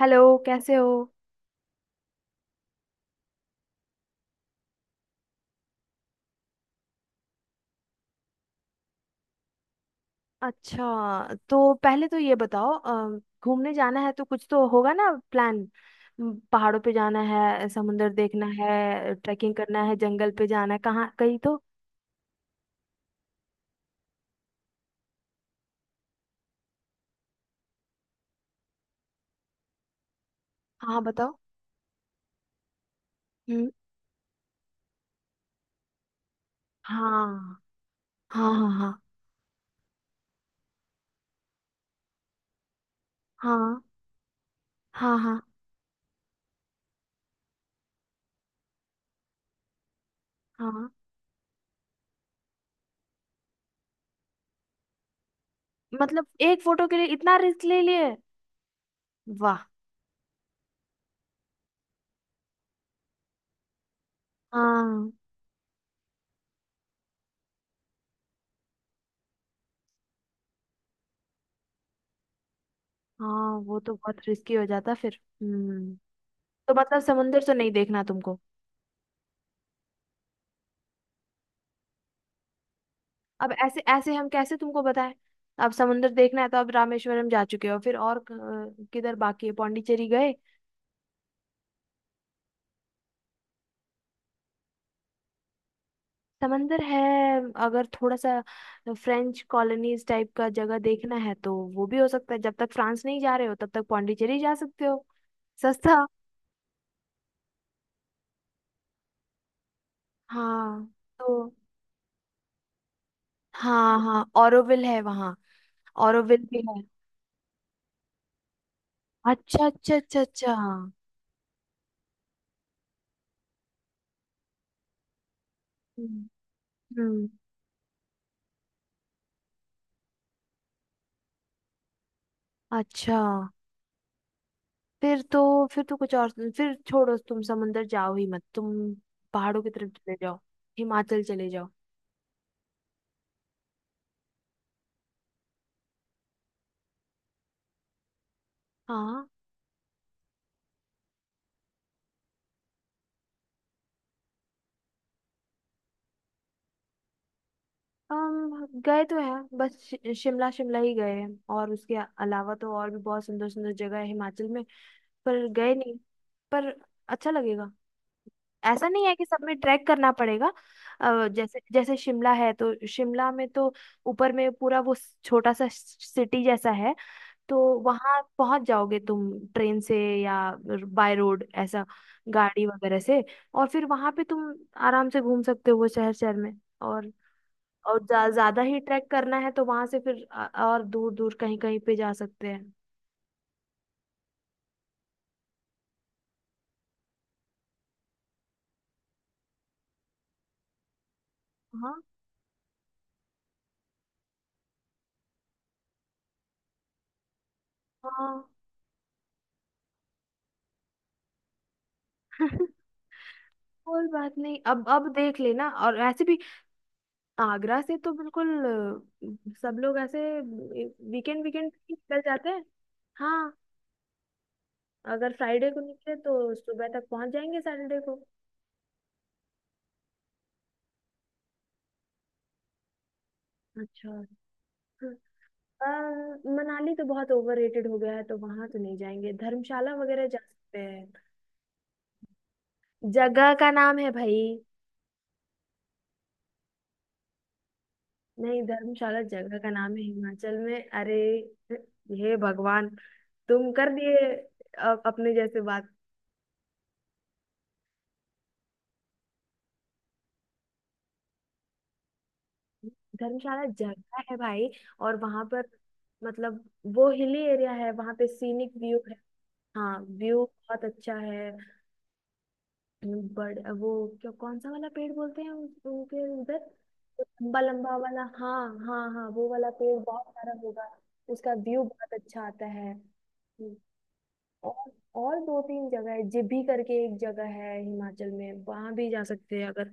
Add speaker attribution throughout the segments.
Speaker 1: Hello. कैसे हो? अच्छा, तो पहले तो ये बताओ। घूमने जाना है तो कुछ तो होगा ना प्लान। पहाड़ों पे जाना है, समुंदर देखना है, ट्रैकिंग करना है, जंगल पे जाना है, कहाँ? कहीं तो। हाँ, बताओ। हम्म। हाँ हाँ हाँ। हाँ हाँ हाँ। हाँ हाँ। मतलब एक फोटो के लिए इतना रिस्क ले लिए? वाह। हाँ हाँ, वो तो बहुत रिस्की हो जाता फिर। हम्म। तो मतलब समुंदर तो नहीं देखना तुमको। अब ऐसे ऐसे हम कैसे तुमको बताएं? अब समंदर देखना है तो अब रामेश्वरम जा चुके हो, फिर और किधर बाकी है? पौंडीचेरी गए? समंदर है। अगर थोड़ा सा फ्रेंच कॉलोनीज टाइप का जगह देखना है तो वो भी हो सकता है। जब तक फ्रांस नहीं जा रहे हो तब तक पौंडीचेरी जा सकते हो। सस्ता। हाँ, तो हाँ हाँ, ऑरोविल है वहाँ। ऑरोविल भी है। अच्छा अच्छा अच्छा अच्छा। हम्म। हम्म। अच्छा। फिर तो कुछ और। फिर छोड़ो, तुम समंदर जाओ ही मत तुम। पहाड़ों की तरफ चले जाओ। हिमाचल चले जाओ। हाँ। हम गए तो हैं, बस शिमला शिमला ही गए हैं। और उसके अलावा तो और भी बहुत सुंदर सुंदर जगह है हिमाचल में। पर गए नहीं। पर अच्छा लगेगा। ऐसा नहीं है कि सब में ट्रैक करना पड़ेगा। जैसे जैसे शिमला है तो शिमला में तो ऊपर में पूरा वो छोटा सा सिटी जैसा है। तो वहां पहुंच जाओगे तुम ट्रेन से, या बाय रोड ऐसा, गाड़ी वगैरह से। और फिर वहां पे तुम आराम से घूम सकते हो वो शहर शहर में। और और ज्यादा ही ट्रैक करना है तो वहां से फिर और दूर दूर कहीं कहीं पे जा सकते हैं। हाँ हाँ। कोई बात नहीं, अब देख लेना। और ऐसे भी आगरा से तो बिल्कुल, सब लोग ऐसे वीकेंड वीकेंड पे ही निकल जाते हैं। हाँ। अगर फ्राइडे को निकले तो सुबह तक पहुंच जाएंगे सैटरडे को। अच्छा। अ, मनाली तो बहुत ओवररेटेड हो गया है, तो वहां तो नहीं जाएंगे। धर्मशाला वगैरह जा सकते हैं। जगह का नाम है भाई। नहीं, धर्मशाला जगह का नाम है हिमाचल में, अरे। हे भगवान। तुम कर दिए अपने जैसे बात। धर्मशाला जगह है भाई। और वहां पर मतलब वो हिली एरिया है, वहां पे सीनिक व्यू है। हाँ, व्यू बहुत अच्छा है। बड़ वो क्या, कौन सा वाला पेड़ बोलते हैं उनके उधर? लंबा लंबा वाला, हाँ हाँ हाँ, वो वाला पेड़ बहुत सारा होगा। उसका व्यू बहुत अच्छा आता है। हम्म। और और दो तीन जगह है, जिभी करके एक जगह है हिमाचल में, वहां भी जा सकते हैं अगर,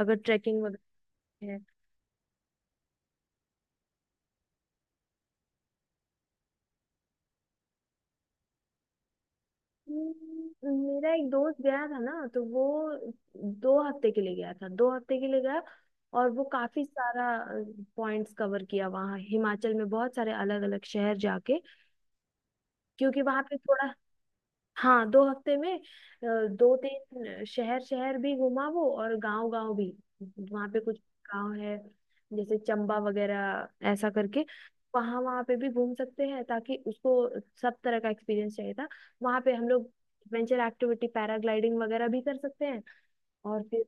Speaker 1: अगर ट्रैकिंग वगैरह है। मेरा एक दोस्त गया था ना, तो वो दो हफ्ते के लिए गया था, दो हफ्ते के लिए गया। और वो काफी सारा पॉइंट्स कवर किया वहाँ हिमाचल में, बहुत सारे अलग अलग शहर जाके। क्योंकि वहां पे थोड़ा, हाँ, दो हफ्ते में दो तीन शहर शहर भी घुमा वो, और गांव गांव भी। वहां पे कुछ गांव है जैसे चंबा वगैरह ऐसा करके, वहां वहां पे भी घूम सकते हैं, ताकि उसको सब तरह का एक्सपीरियंस चाहिए था। वहां पे हम लोग एडवेंचर एक्टिविटी पैराग्लाइडिंग वगैरह भी कर सकते हैं। और फिर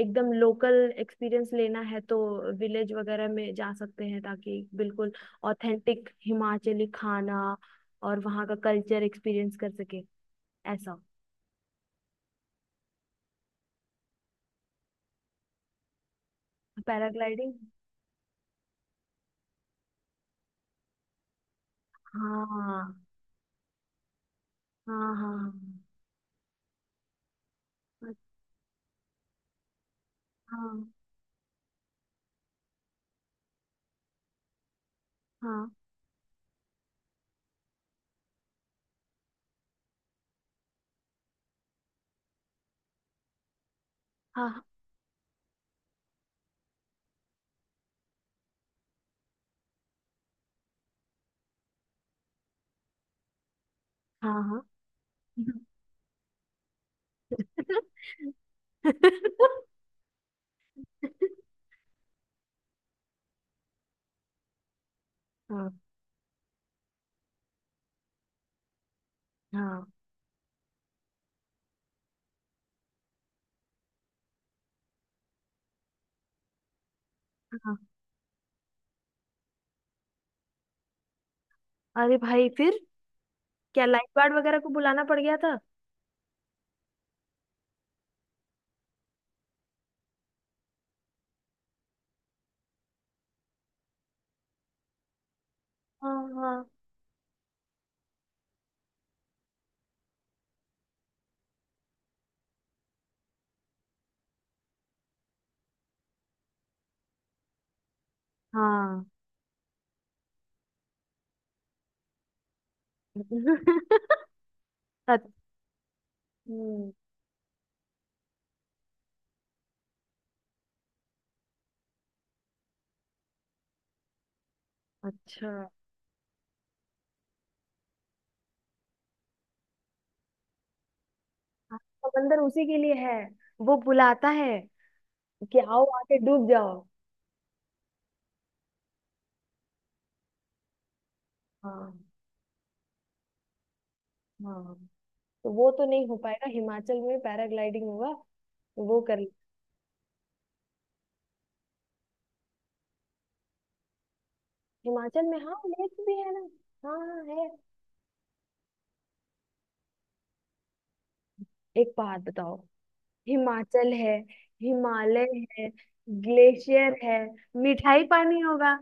Speaker 1: एकदम लोकल एक्सपीरियंस लेना है तो विलेज वगैरह में जा सकते हैं, ताकि बिल्कुल ऑथेंटिक हिमाचली खाना और वहाँ का कल्चर एक्सपीरियंस कर सके, ऐसा। पैराग्लाइडिंग। हाँ हाँ। हाँ हाँ। हाँ हाँ। हाँ हाँ। हाँ हाँ। हाँ हाँ। हाँ। अरे भाई, फिर क्या लाइफ गार्ड वगैरह को बुलाना पड़ गया था? हाँ हाँ हाँ। अच्छा। अच्छा। हाँ, समंदर उसी के लिए है। वो बुलाता है कि आओ, आके डूब जाओ। हाँ। हाँ, तो वो तो नहीं हो पाएगा। हिमाचल में पैराग्लाइडिंग होगा, तो वो कर। हिमाचल में, हाँ, लेक भी है ना। हाँ। हाँ, है। एक बात बताओ, हिमाचल है, हिमालय है, ग्लेशियर है। मिठाई पानी होगा।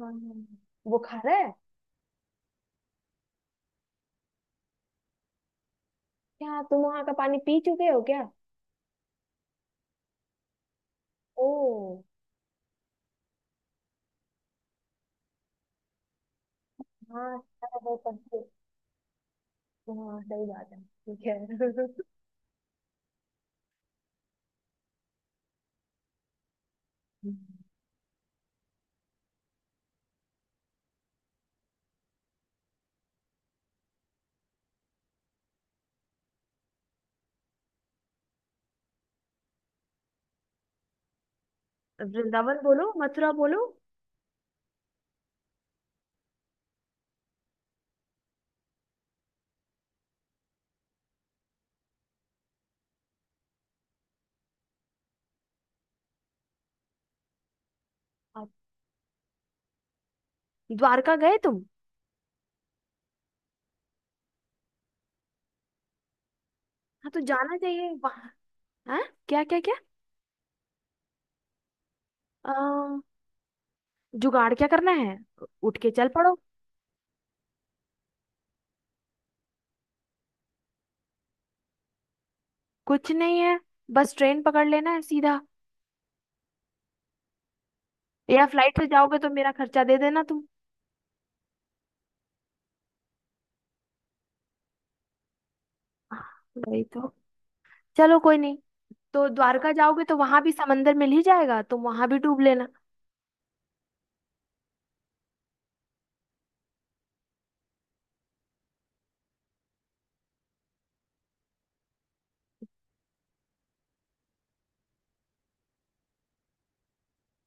Speaker 1: हाँ हाँ, वो खा रहा है। क्या तुम वहां का पानी पी चुके हो क्या? ओ। हाँ, है, पता है। हाँ, सही बात है, ठीक है। वृंदावन बोलो, मथुरा बोलो। आप द्वारका गए तुम? हाँ, तो जाना चाहिए वहाँ। हाँ। क्या क्या क्या? अ, जुगाड़ क्या करना है? उठ के चल पड़ो। कुछ नहीं है। बस ट्रेन पकड़ लेना है सीधा। या फ्लाइट से जाओगे तो मेरा खर्चा दे देना तुम। हाँ, वही तो। चलो कोई नहीं। तो द्वारका जाओगे तो वहां भी समंदर मिल ही जाएगा, तुम वहां भी डूब लेना।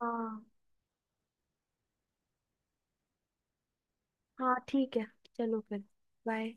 Speaker 1: हाँ, हाँ ठीक है। चलो फिर। बाय।